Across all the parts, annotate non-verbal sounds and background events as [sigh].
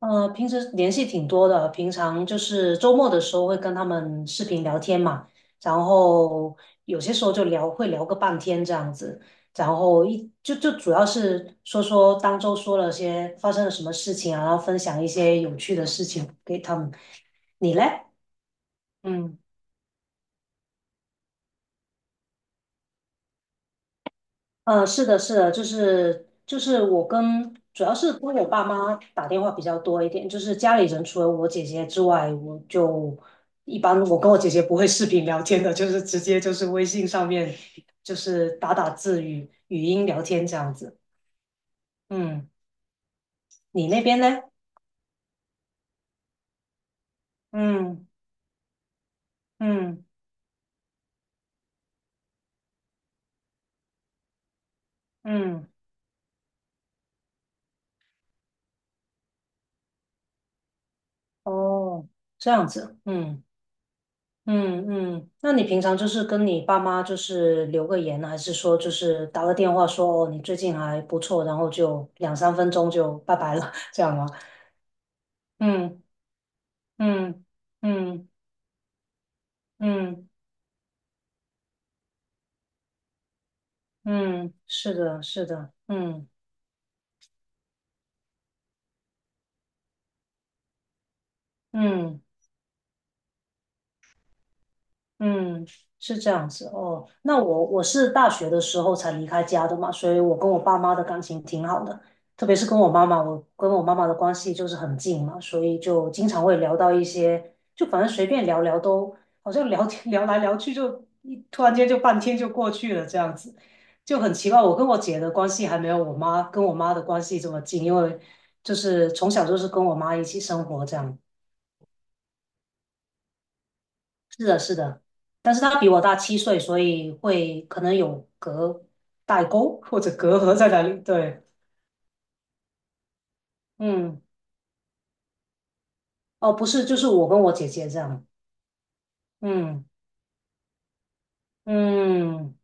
平时联系挺多的，平常就是周末的时候会跟他们视频聊天嘛，然后有些时候就聊，会聊个半天这样子，然后一就就主要是说说当周说了些发生了什么事情啊，然后分享一些有趣的事情给他们。你嘞？嗯。是的，是的，就是主要是跟我爸妈打电话比较多一点，就是家里人除了我姐姐之外，一般我跟我姐姐不会视频聊天的，就是直接就是微信上面就是打打字语音聊天这样子。嗯，你那边呢？嗯嗯嗯，哦，这样子，嗯。嗯嗯，那你平常就是跟你爸妈就是留个言，还是说就是打个电话说哦你最近还不错，然后就两三分钟就拜拜了，[laughs] 这样吗？嗯嗯嗯嗯嗯，嗯是的，是的，嗯嗯。嗯，是这样子哦。那我是大学的时候才离开家的嘛，所以我跟我爸妈的感情挺好的，特别是跟我妈妈，我跟我妈妈的关系就是很近嘛，所以就经常会聊到一些，就反正随便聊聊都，好像聊天 [laughs] 聊来聊去就突然间就半天就过去了，这样子就很奇怪。我跟我姐的关系还没有我妈的关系这么近，因为就是从小就是跟我妈一起生活这样。但是他比我大七岁，所以会可能有代沟或者隔阂在哪里？对，嗯，哦，不是，就是我跟我姐姐这样，嗯嗯。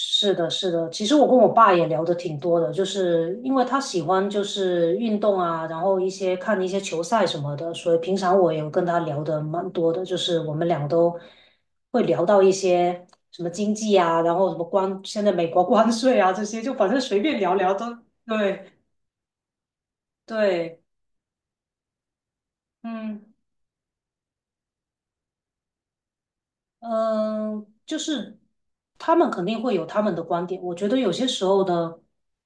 是的，是的。其实我跟我爸也聊的挺多的，就是因为他喜欢就是运动啊，然后看一些球赛什么的，所以平常我也跟他聊的蛮多的，就是我们俩都会聊到一些什么经济啊，然后什么关，现在美国关税啊这些，就反正随便聊聊都对对，嗯。嗯，就是他们肯定会有他们的观点。我觉得有些时候呢，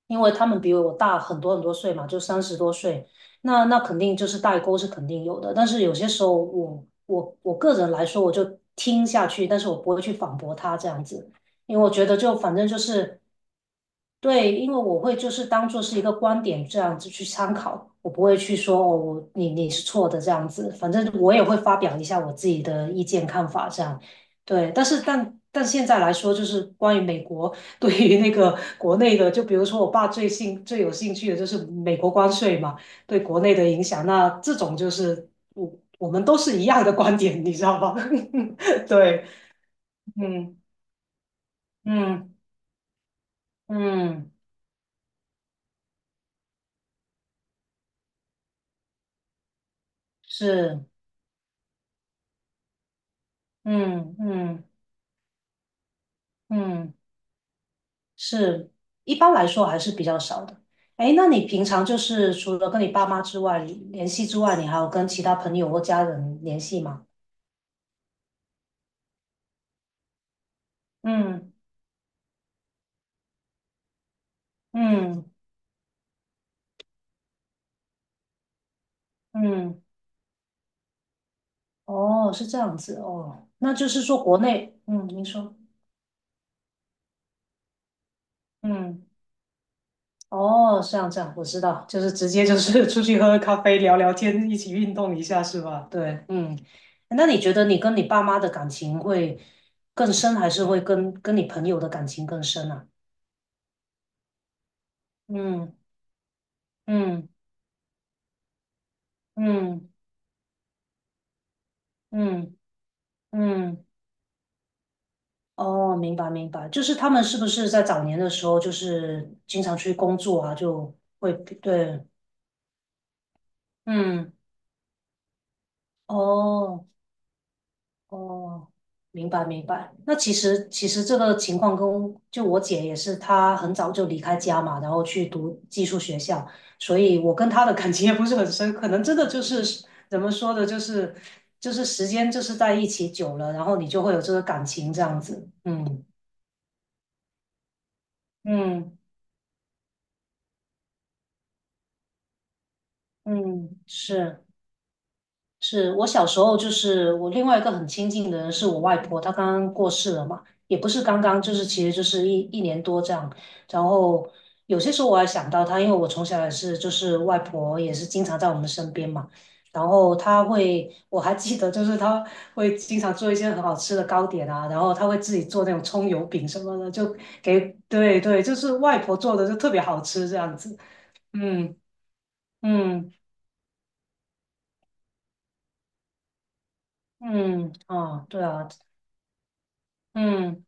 因为他们比我大很多很多岁嘛，就三十多岁，那肯定就是代沟是肯定有的。但是有些时候我个人来说，我就听下去，但是我不会去反驳他这样子，因为我觉得就反正就是对，因为我会就是当做是一个观点这样子去参考，我不会去说哦，你是错的这样子，反正我也会发表一下我自己的意见看法这样。对，但是现在来说，就是关于美国对于那个国内的，就比如说我爸最有兴趣的就是美国关税嘛，对国内的影响。那这种就是我我们都是一样的观点，你知道吗？[laughs] 对，嗯嗯嗯，是，嗯嗯嗯，是，一般来说还是比较少的。哎，那你平常就是除了跟你爸妈联系之外，你还有跟其他朋友或家人联系吗？嗯。嗯嗯，哦，是这样子哦，那就是说国内，嗯，您说，嗯，哦，这样这样，我知道，就是直接就是 [laughs] 出去喝喝咖啡、聊聊天，一起运动一下，是吧？对，嗯，那你觉得你跟你爸妈的感情会更深，还是会跟你朋友的感情更深啊？嗯嗯嗯嗯嗯，哦，明白明白，就是他们是不是在早年的时候，就是经常出去工作啊，就会对。嗯哦哦，明白明白。那其实这个情况跟我姐也是，她很早就离开家嘛，然后去读技术学校，所以我跟她的感情也不是很深，可能真的就是怎么说的，就是时间就是在一起久了，然后你就会有这个感情这样子。嗯嗯嗯，是。是我小时候，就是我另外一个很亲近的人是我外婆，她刚刚过世了嘛，也不是刚刚，就是其实就是一年多这样。然后有些时候我还想到她，因为我从小也是，就是外婆也是经常在我们身边嘛。然后她会，我还记得，就是她会经常做一些很好吃的糕点啊，然后她会自己做那种葱油饼什么的，就给，对对，就是外婆做的就特别好吃这样子。嗯嗯嗯，啊，对啊，嗯。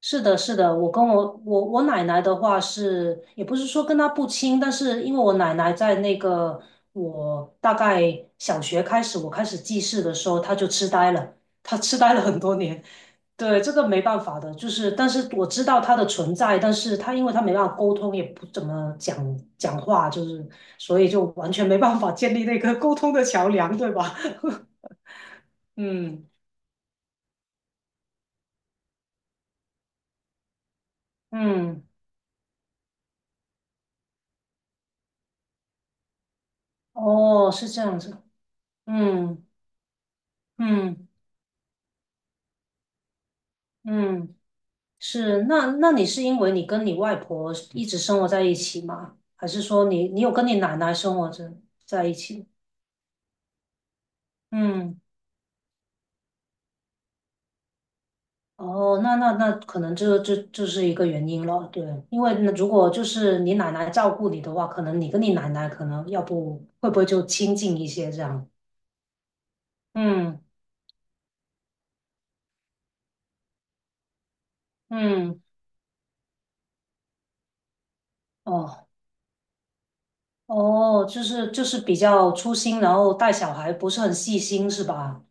是的，是的，我跟我我我奶奶的话是，也不是说跟她不亲，但是因为我奶奶在那个我大概小学开始，我开始记事的时候，她就痴呆了，她痴呆了很多年。对，这个没办法的，就是但是我知道她的存在，但是她因为她没办法沟通，也不怎么讲话，就是所以就完全没办法建立那个沟通的桥梁，对吧？[laughs] 嗯嗯，哦，是这样子，嗯嗯。嗯是，那你是因为你跟你外婆一直生活在一起吗？还是说你有跟你奶奶生活着在一起？嗯，哦，那可能这是一个原因了，对，因为那如果就是你奶奶照顾你的话，可能你跟你奶奶可能要不会就亲近一些这样？嗯嗯，哦哦，就是就是比较粗心，然后带小孩不是很细心是吧？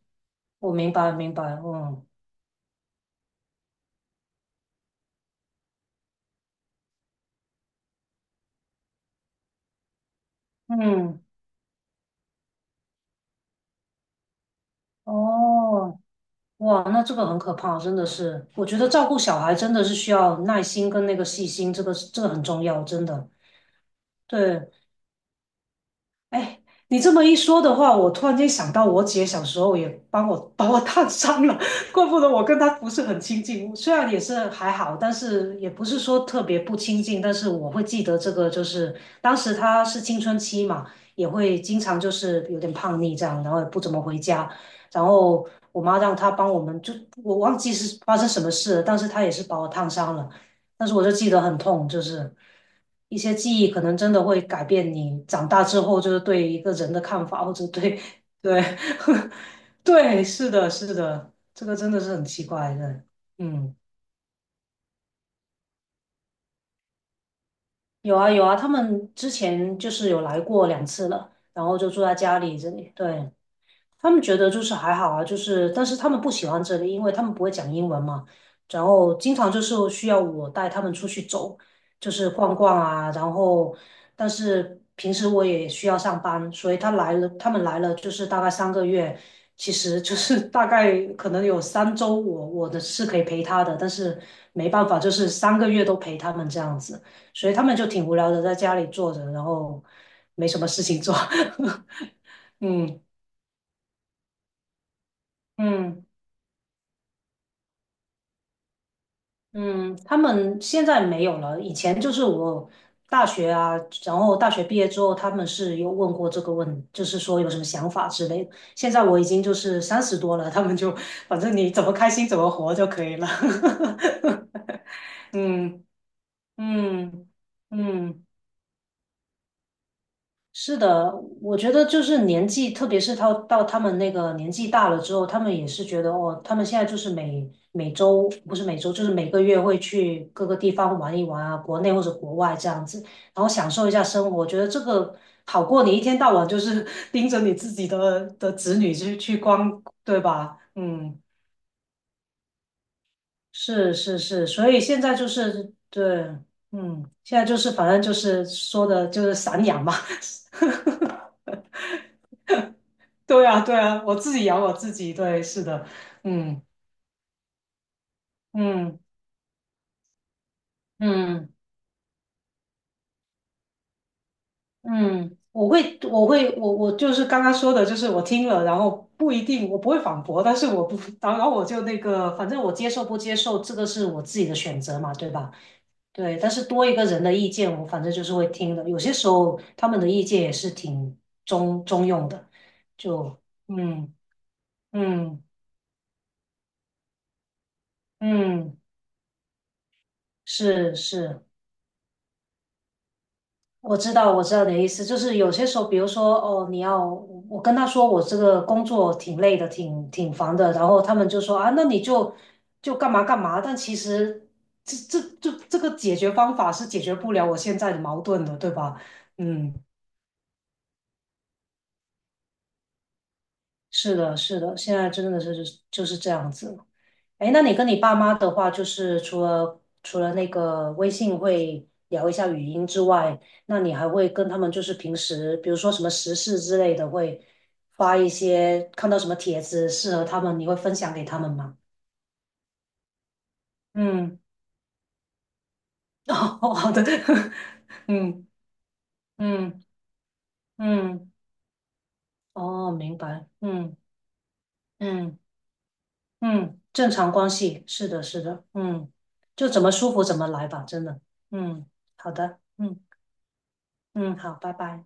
我明白明白，嗯嗯。哦，哇，那这个很可怕，真的是。我觉得照顾小孩真的是需要耐心跟那个细心，这个很重要，真的。对，哎，你这么一说的话，我突然间想到，我姐小时候也帮我把 [laughs] 我烫伤了，[laughs] 怪不得我跟她不是很亲近。虽然也是还好，但是也不是说特别不亲近。但是我会记得这个，就是当时她是青春期嘛，也会经常就是有点叛逆这样，然后也不怎么回家。然后我妈让她帮我们，就我忘记是发生什么事了，但是她也是把我烫伤了。但是我就记得很痛，就是一些记忆可能真的会改变你长大之后就是对一个人的看法，或者对对 [laughs] 对，是的，是的，这个真的是很奇怪的。嗯，有啊有啊，他们之前就是有来过两次了，然后就住在家里这里，对。他们觉得就是还好啊，就是但是他们不喜欢这里，因为他们不会讲英文嘛，然后经常就是需要我带他们出去走，就是逛逛啊，然后但是平时我也需要上班，所以他们来了就是大概三个月，其实就是大概可能有三周我的是可以陪他的，但是没办法，就是三个月都陪他们这样子，所以他们就挺无聊的在家里坐着，然后没什么事情做，[laughs] 嗯嗯。嗯，他们现在没有了。以前就是我大学啊，然后大学毕业之后，他们是有问过这个问，就是说有什么想法之类的。现在我已经就是三十多了，他们就反正你怎么开心怎么活就可以了。[laughs] 嗯嗯嗯。是的，我觉得就是年纪，特别是到他们那个年纪大了之后，他们也是觉得哦，他们现在就是每周不是每周，就是每个月会去各个地方玩一玩啊，国内或者国外这样子，然后享受一下生活。我觉得这个好过你一天到晚就是 [laughs] 盯着你自己的子女去光，对吧？嗯，是是是，所以现在就是对，嗯，现在就是反正就是说的就是散养嘛。[laughs] 对啊，对啊，我自己养我自己，对，是的，嗯嗯嗯嗯，我会，我会，我就是刚刚说的，就是我听了，然后不一定，我不会反驳，但是我不，然后我就那个，反正我接受不接受，这个是我自己的选择嘛，对吧？对，但是多一个人的意见，我反正就是会听的，有些时候他们的意见也是挺中用的，就嗯嗯嗯，是是。我知道，我知道你的意思，就是有些时候，比如说，哦，你要我我跟他说我这个工作挺累的，挺烦的，然后他们就说啊，那你就干嘛干嘛，但其实这个解决方法是解决不了我现在的矛盾的，对吧？嗯，是的，是的，现在真的是就是这样子。哎，那你跟你爸妈的话，就是除了那个微信会聊一下语音之外，那你还会跟他们就是平时，比如说什么时事之类的，会发一些看到什么帖子适合他们，你会分享给他们吗？嗯，[laughs] 哦，好的，[laughs] 嗯嗯嗯，哦，明白，嗯嗯嗯，正常关系，是的，是的，嗯，就怎么舒服怎么来吧，真的，嗯，好的，嗯嗯，好，拜拜。